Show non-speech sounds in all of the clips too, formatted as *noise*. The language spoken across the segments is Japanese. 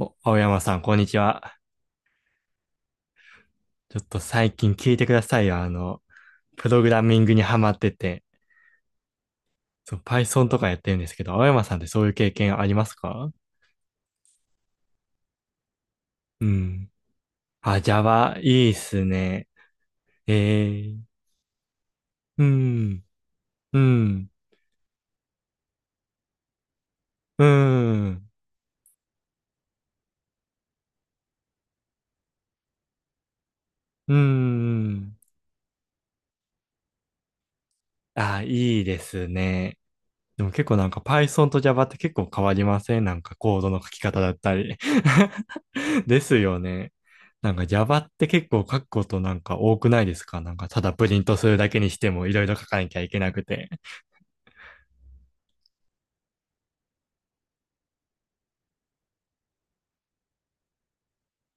お、青山さん、こんにちは。ちょっと最近聞いてくださいよ。プログラミングにハマってて、そう、Python とかやってるんですけど、青山さんってそういう経験ありますか？うん。あ、Java、いいっすね。えーうん、うん、うん、うん。あ、いいですね。でも結構なんか Python と Java って結構変わりません？なんかコードの書き方だったり。 *laughs* ですよね。なんか Java って結構書くことなんか多くないですか？なんかただプリントするだけにしてもいろいろ書かなきゃいけなくて。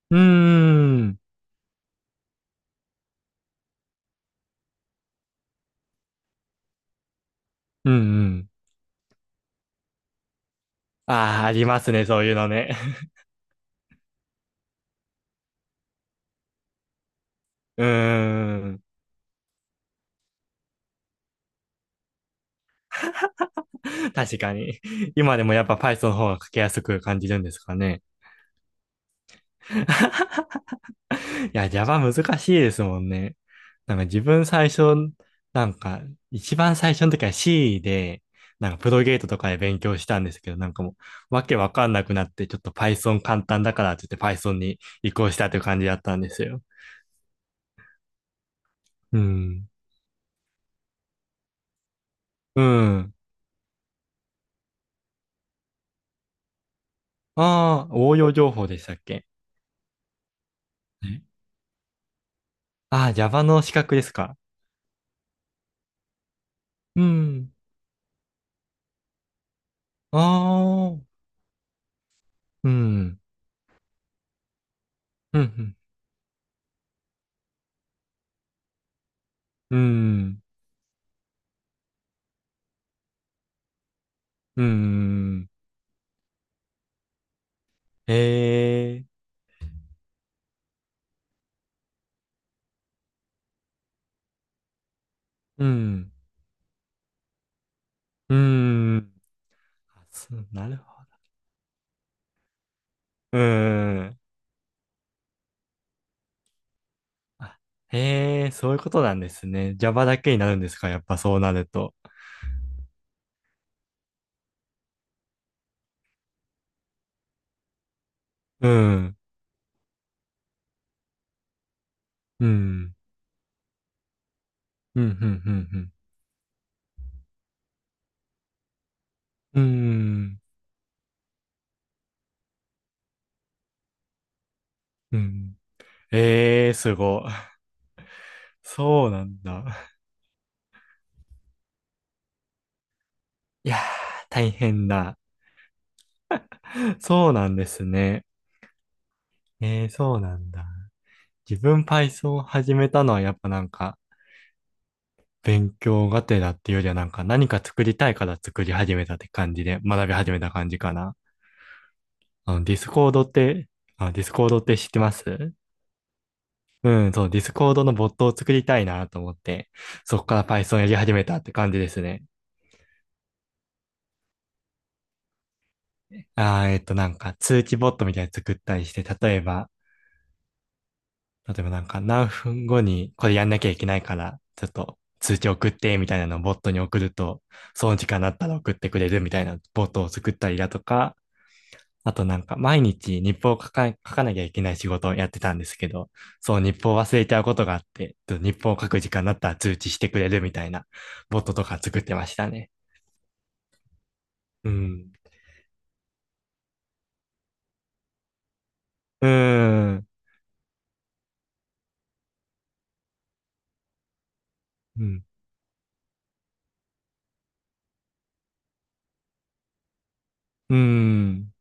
うーん。うんうん。ああ、ありますね、そういうのね。*laughs* うーん。確かに。今でもやっぱ Python の方が書きやすく感じるんですかね？いや、Java 難しいですもんね。なんか自分最初、なんか一番最初の時は C で、なんかプロゲートとかで勉強したんですけど、なんかもうわけわかんなくなって、ちょっと Python 簡単だからって言って Python に移行したという感じだったんですよ。うん。うん。ああ、応用情報でしたっけ？ねああー、 Java の資格ですか？うん。ああ、うん。うん。うん。うん。うん。ええ。うん。うん。あ、そうなるほど。うーん。あ、へえ、そういうことなんですね。Java だけになるんですか、やっぱそうなると？うん。うん。うん、うん、うん、うん。うん。うんええ、すごい。そうなんだ。いやー、大変だ。そうなんですね。えー、そうなんだ。自分 Python を始めたのはやっぱ勉強がてらっていうよりはなんか何か作りたいから作り始めたって感じで学び始めた感じかな。あの、ディスコードって、あ、ディスコードって知ってます？うん、そう、ディスコードのボットを作りたいなと思って、そこから Python やり始めたって感じですね。あー、なんか通知ボットみたいに作ったりして、例えばなんか何分後にこれやんなきゃいけないから、ちょっと通知送ってみたいなのをボットに送ると、その時間だったら送ってくれるみたいなボットを作ったりだとか、あとなんか毎日日報を書かなきゃいけない仕事をやってたんですけど、そう日報を忘れちゃうことがあって、と日報を書く時間になったら通知してくれるみたいなボットとか作ってましたね。うん。うーん。うん。うーん。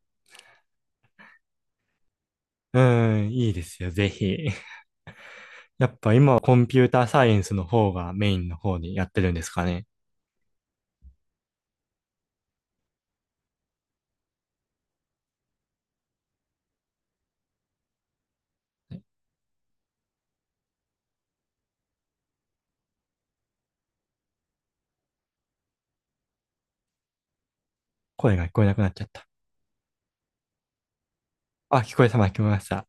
ういいですよ、ぜひ。*laughs* やっぱ今はコンピューターサイエンスの方がメインの方にやってるんですかね？声が聞こえなくなっちゃった。あ、聞こえた、聞こえました。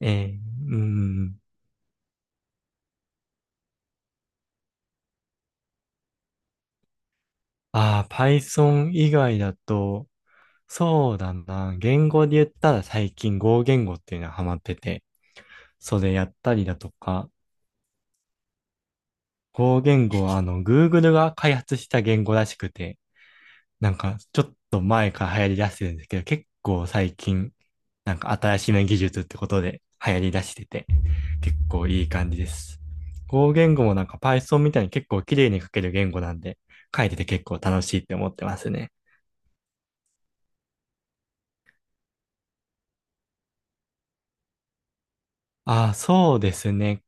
えー、うーん。ああ、Python 以外だと、そうだな。言語で言ったら最近語言語っていうのはハマってて、それやったりだとか、語言語はあの Google が開発した言語らしくて、なんかちょっと前から流行り出してるんですけど、結構最近、なんか新しめ技術ってことで流行り出してて、結構いい感じです。語言語もなんか Python みたいに結構綺麗に書ける言語なんで、書いてて結構楽しいって思ってますね。ああ、そうですね。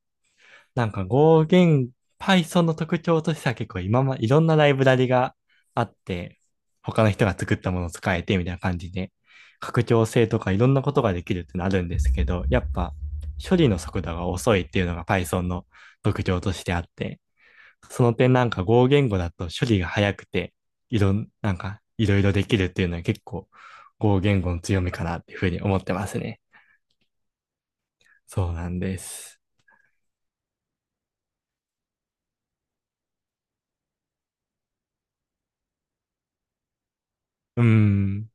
なんか語源、Python の特徴としては結構いろんなライブラリがあって、他の人が作ったものを使えてみたいな感じで、拡張性とかいろんなことができるってなるんですけど、やっぱ処理の速度が遅いっていうのが Python の特徴としてあって、その点なんか語言語だと処理が早くて、いろん、なんかいろいろできるっていうのは結構語言語の強みかなっていうふうに思ってますね。そうなんです。うーん、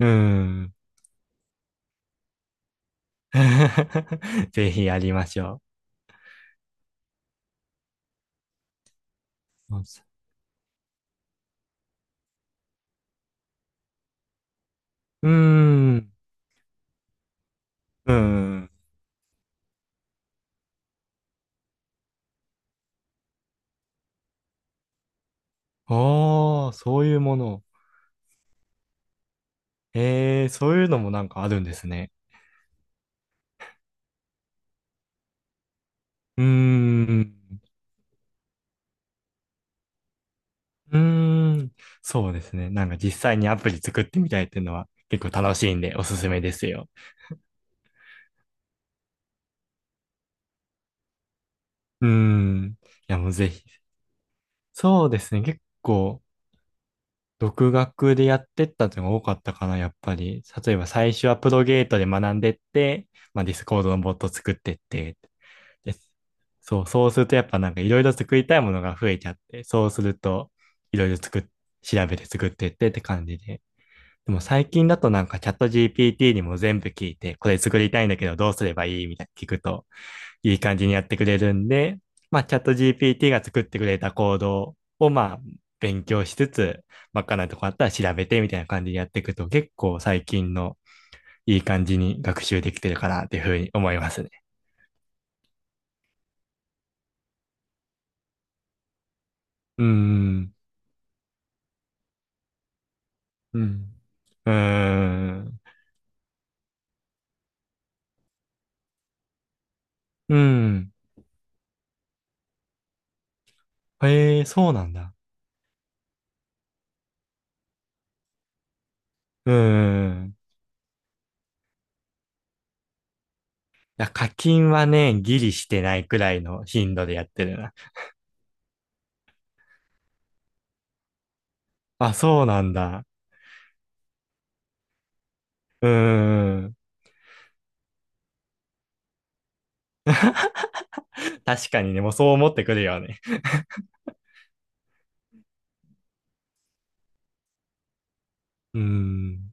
うーん。*laughs* ぜひやりましょう。うーん。うん。ああ、そういうもの。ええ、そういうのもなんかあるんですね。うーん。うーん。そうですね。なんか実際にアプリ作ってみたいっていうのは結構楽しいんでおすすめですよ。いや、もうぜひ。そうですね。結構、独学でやってったっていうのが多かったかな、やっぱり。例えば最初はプロゲートで学んでって、まあディスコードのボット作ってって、*laughs* でそう、そうするとやっぱなんかいろいろ作りたいものが増えちゃって、そうするといろいろ作っ、調べて作ってって感じで。でも最近だとなんかチャット GPT にも全部聞いて、これ作りたいんだけどどうすればいいみたいな聞くといい感じにやってくれるんで、まあチャット GPT が作ってくれたコードをまあ勉強しつつ、わかないとこあったら調べてみたいな感じでやっていくと結構最近のいい感じに学習できてるかなっていうふうに思いますね。うーん。うん。うーん。うん。へえ、そうなんだ。うーいや、課金はね、ギリしてないくらいの頻度でやってるな。あ、そうなんだ。うーん。確かにね、もうそう思ってくるよね。うーん。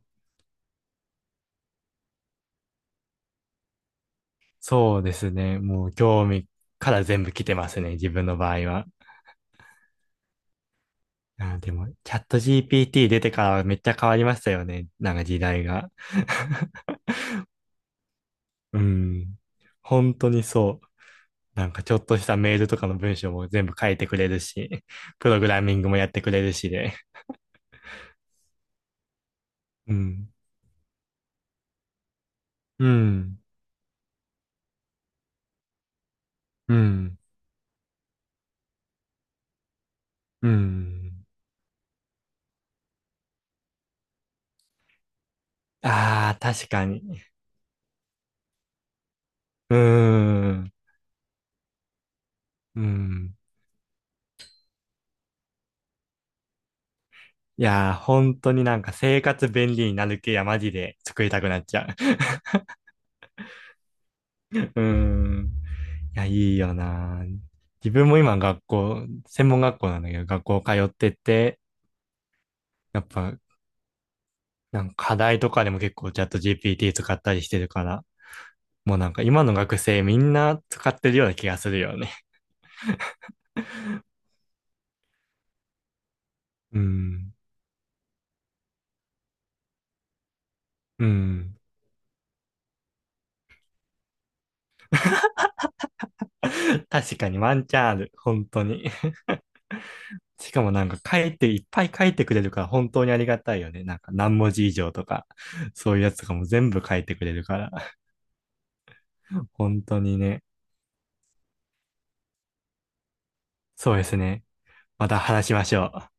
そうですね。もう興味から全部来てますね、自分の場合は。あ、でも、チャット GPT 出てからめっちゃ変わりましたよね。なんか時代が。*laughs* うん。*laughs* 本当にそう。なんかちょっとしたメールとかの文章も全部書いてくれるし、プログラミングもやってくれるしで。うん。うん。うん。うん。ああ、確かに。うーん。うん。いやー、本当になんか生活便利になる系やマジで作りたくなっちゃう。*laughs* うーん。いや、いいよなー。自分も今学校、専門学校なんだけど、学校通ってて、やっぱ、なんか課題とかでも結構チャット GPT 使ったりしてるから、もうなんか今の学生みんな使ってるような気がするよね。うん。うん。*laughs* 確かにワンチャンある。本当に。*laughs* しかもなんか書いて、いっぱい書いてくれるから本当にありがたいよね。なんか何文字以上とか、そういうやつとかも全部書いてくれるから。*laughs* 本当にね。そうですね。また話しましょう。